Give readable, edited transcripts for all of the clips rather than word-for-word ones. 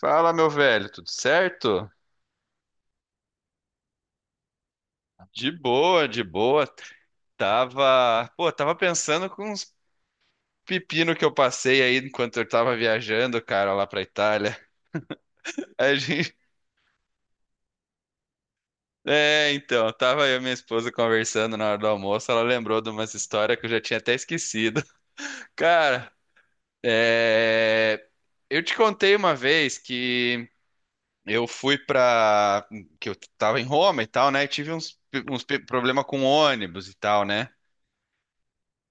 Fala, meu velho, tudo certo? De boa, de boa. Pô, tava pensando com uns pepino que eu passei aí enquanto eu tava viajando, cara, lá pra Itália. A gente, então, tava eu e minha esposa conversando na hora do almoço, ela lembrou de umas histórias que eu já tinha até esquecido. Cara, é, eu te contei uma vez que eu fui pra, que eu tava em Roma e tal, né? E tive uns problema com ônibus e tal, né?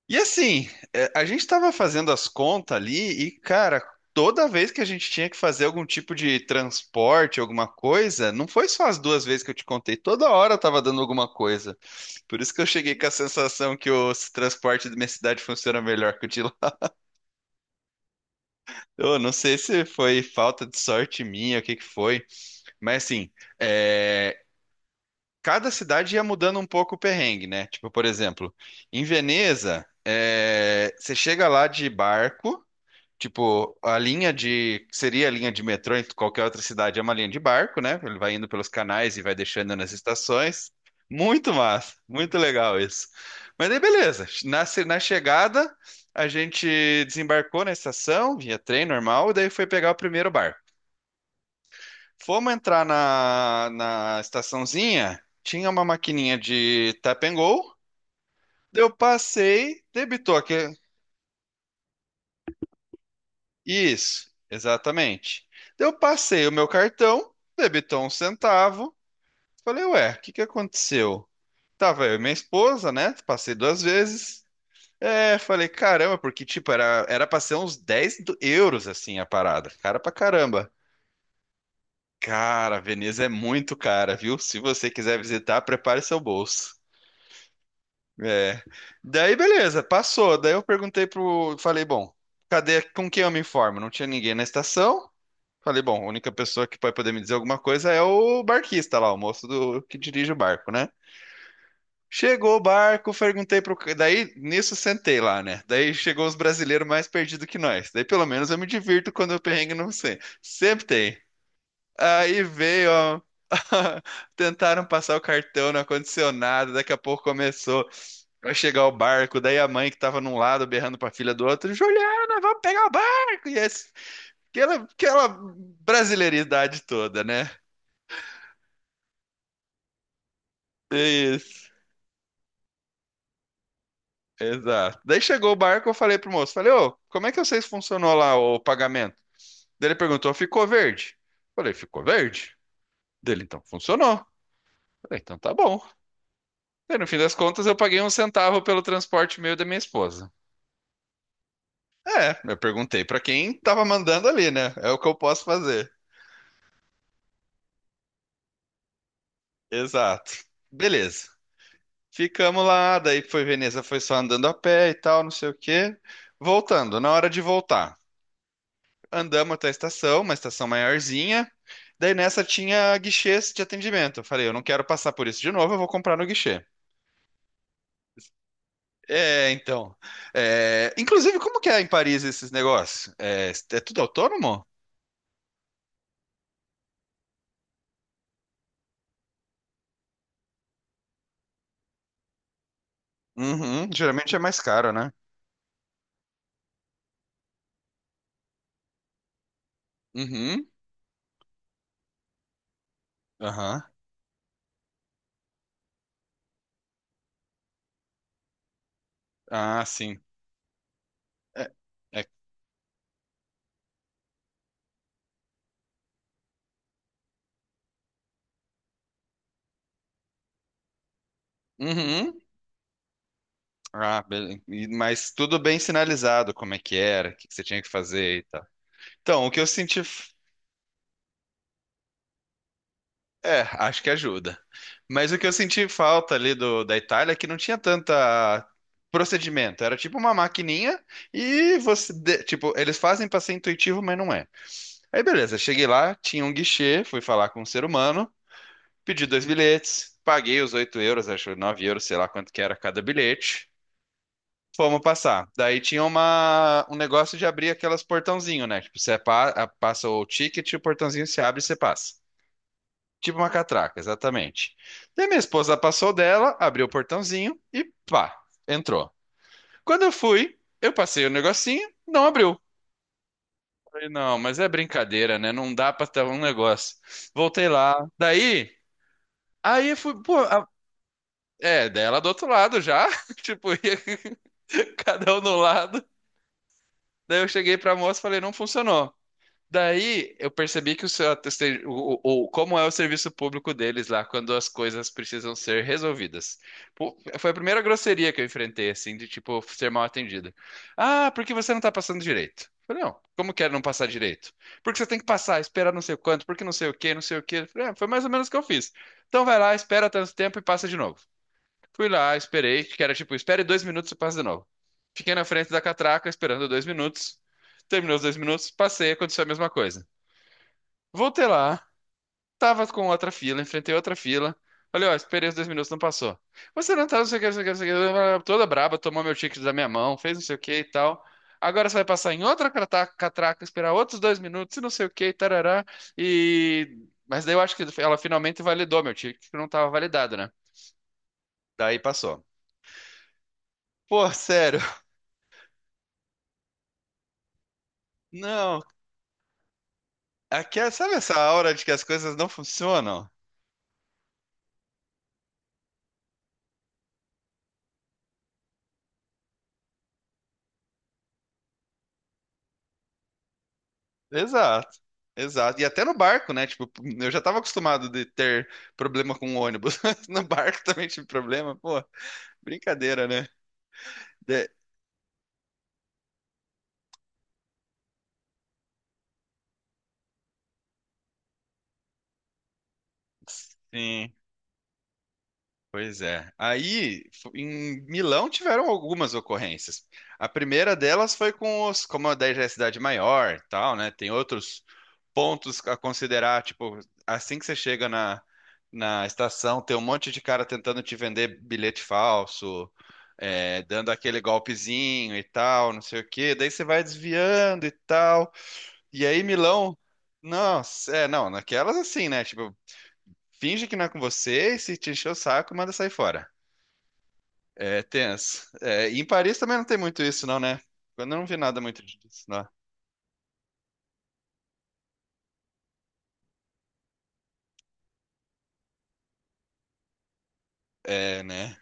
E assim, a gente estava fazendo as contas ali e, cara, toda vez que a gente tinha que fazer algum tipo de transporte, alguma coisa, não foi só as duas vezes que eu te contei, toda hora eu tava dando alguma coisa. Por isso que eu cheguei com a sensação que o transporte da minha cidade funciona melhor que o de lá. Eu não sei se foi falta de sorte minha, o que que foi, mas assim, é, cada cidade ia mudando um pouco o perrengue, né? Tipo, por exemplo, em Veneza, você chega lá de barco. Tipo, que seria a linha de metrô em qualquer outra cidade, é uma linha de barco, né? Ele vai indo pelos canais e vai deixando nas estações. Muito massa, muito legal isso. Mas aí, beleza. Na chegada, a gente desembarcou na estação, via trem normal, e daí foi pegar o primeiro barco. Fomos entrar na estaçãozinha, tinha uma maquininha de tap and go. Eu passei, debitou aqui. Isso, exatamente. Daí eu passei o meu cartão, debitou um centavo. Falei, ué, o que que aconteceu? Tava eu e minha esposa, né? Passei duas vezes. É, falei, caramba, porque, tipo, era pra ser uns dez euros, assim, a parada. Cara pra caramba. Cara, Veneza é muito cara, viu? Se você quiser visitar, prepare seu bolso. É. Daí, beleza, passou. Daí eu perguntei pro. Falei, bom, cadê. Com quem eu me informo? Não tinha ninguém na estação. Falei, bom, a única pessoa que vai poder me dizer alguma coisa é o barquista lá, o moço do que dirige o barco, né? Chegou o barco, daí, nisso, sentei lá, né? Daí chegou os brasileiros mais perdidos que nós. Daí, pelo menos, eu me divirto quando eu perrengue não sei. Sempre tem. Aí veio, ó. Tentaram passar o cartão, não aconteceu nada. Daqui a pouco começou a chegar o barco. Daí a mãe que tava num lado berrando pra filha do outro: Juliana, vamos pegar o barco! Aquela, aquela brasileiridade toda, né? Isso, exato. Daí chegou o barco, eu falei pro moço, falei, ô, como é que vocês funcionou lá o pagamento? Daí ele perguntou, ficou verde? Falei, ficou verde? Dele, então, funcionou. Falei, então tá bom. Daí, no fim das contas, eu paguei um centavo pelo transporte meu e da minha esposa. É, eu perguntei pra quem tava mandando ali, né? É o que eu posso fazer. Exato. Beleza. Ficamos lá, daí foi Veneza, foi só andando a pé e tal, não sei o quê. Voltando, na hora de voltar, andamos até a estação, uma estação maiorzinha. Daí nessa tinha guichês de atendimento. Eu falei, eu não quero passar por isso de novo, eu vou comprar no guichê. É, então. É, inclusive, como que é em Paris esses negócios? É, é tudo autônomo? Uhum, geralmente é mais caro, né? Uhum, aham. Ah, sim. É, é- uhum. Ah, beleza. Mas tudo bem sinalizado, como é que era, o que que você tinha que fazer e tal. Então, o que eu senti. É, acho que ajuda. Mas o que eu senti falta ali da Itália é que não tinha tanta procedimento. Era tipo uma maquininha e você, tipo, eles fazem pra ser intuitivo, mas não é. Aí beleza, cheguei lá, tinha um guichê, fui falar com um ser humano, pedi dois bilhetes, paguei os 8 euros, acho 9 euros, sei lá quanto que era cada bilhete. Fomos passar. Daí tinha um negócio de abrir aquelas portãozinho, né? Tipo, você passa o ticket, o portãozinho se abre e você passa. Tipo uma catraca, exatamente. Daí minha esposa passou dela, abriu o portãozinho e pá, entrou. Quando eu fui, eu passei o negocinho, não abriu. Falei, não, mas é brincadeira, né? Não dá pra ter um negócio. Voltei lá. Daí, aí eu fui, pô, dela do outro lado já. Tipo, ia cada um no lado. Daí eu cheguei pra moça e falei, não funcionou. Daí eu percebi que o seu, a o- como é o serviço público deles lá quando as coisas precisam ser resolvidas. Pô, foi a primeira grosseria que eu enfrentei, assim, de tipo ser mal atendida. Ah, porque você não tá passando direito? Eu Falei, não, como quero não passar direito? Porque você tem que passar, esperar não sei quanto, porque não sei o quê, não sei o quê. Eu Falei, ah, foi mais ou menos o que eu fiz. Então vai lá, espera tanto tempo e passa de novo. Fui lá, esperei, que era tipo, espere dois minutos e passa de novo. Fiquei na frente da catraca esperando dois minutos. Terminou os dois minutos, passei, aconteceu a mesma coisa. Voltei lá, tava com outra fila, enfrentei outra fila. Olha, ó, esperei os dois minutos, não passou. Você não tá, não sei o que, não sei o que, não sei o que, toda braba, tomou meu ticket da minha mão, fez não sei o que e tal. Agora você vai passar em outra catraca, esperar outros dois minutos e não sei o que, tarará. E. Mas daí eu acho que ela finalmente validou meu ticket, que não tava validado, né? Daí passou. Pô, sério, não. Aqui, sabe essa aura de que as coisas não funcionam? Exato, exato. E até no barco, né? Tipo, eu já tava acostumado de ter problema com o ônibus. No barco também tive problema. Pô, brincadeira, né? De- Sim. Pois é. Aí, em Milão tiveram algumas ocorrências. A primeira delas foi com os, como a 10 já é cidade maior, e tal, né? Tem outros pontos a considerar, tipo, assim que você chega na estação, tem um monte de cara tentando te vender bilhete falso, dando aquele golpezinho e tal, não sei o quê. Daí você vai desviando e tal. E aí Milão, nossa, é, não, naquelas assim, né? Tipo, finge que não é com você e se te encher o saco, manda sair fora. É tenso. É, e em Paris também não tem muito isso, não, né? Eu não vi nada muito disso, não. É, né?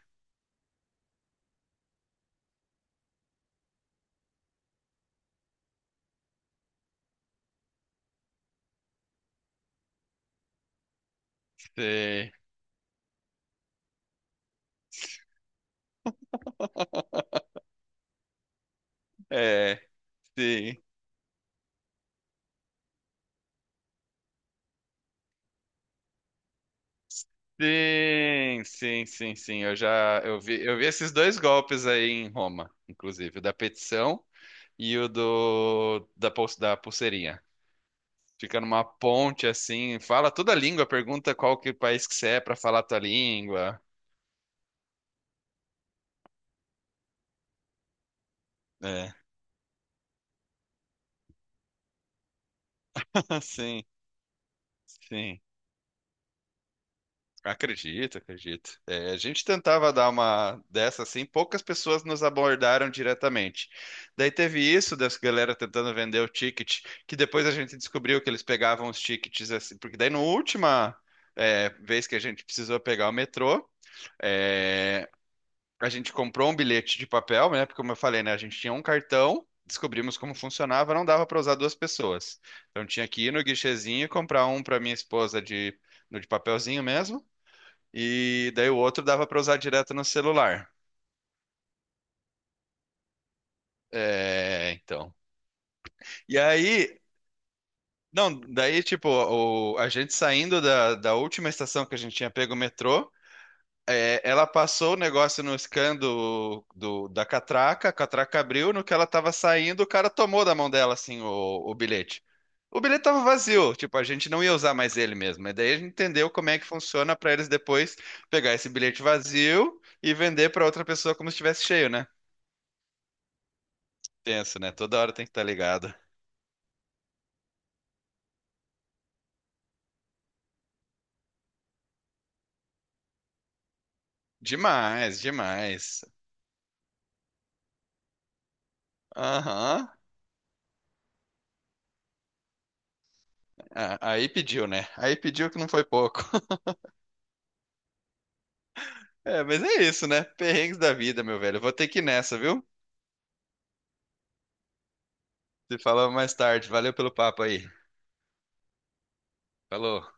Sim. É, sim. Sim, sim, sim, sim. Eu vi esses dois golpes aí em Roma, inclusive, o da petição e o do da, da pulseirinha. Fica numa ponte assim, fala toda a língua, pergunta qual que país que você é pra falar a tua língua. É. Sim, sim. Acredito, acredito. É, a gente tentava dar uma dessa assim, poucas pessoas nos abordaram diretamente. Daí teve isso dessa galera tentando vender o ticket, que depois a gente descobriu que eles pegavam os tickets assim, porque daí na última vez que a gente precisou pegar o metrô, é, a gente comprou um bilhete de papel, né? Porque como eu falei, né, a gente tinha um cartão, descobrimos como funcionava, não dava para usar duas pessoas. Então tinha que ir no guichezinho e comprar um para minha esposa de, no de papelzinho mesmo e daí o outro dava para usar direto no celular. É, então. E aí, não, daí tipo, a gente saindo da última estação que a gente tinha pego o metrô, ela passou o negócio no scan da catraca, a catraca abriu, no que ela tava saindo, o cara tomou da mão dela assim o bilhete. O bilhete tava vazio, tipo, a gente não ia usar mais ele mesmo. E daí a gente entendeu como é que funciona para eles depois pegar esse bilhete vazio e vender para outra pessoa como se estivesse cheio, né? Tenso, né? Toda hora tem que estar ligado. Demais, demais. Aham. Ah, aí pediu, né? Aí pediu que não foi pouco. É, mas é isso, né? Perrengues da vida, meu velho. Eu Vou ter que ir nessa, viu? Te falamos mais tarde. Valeu pelo papo aí. Falou.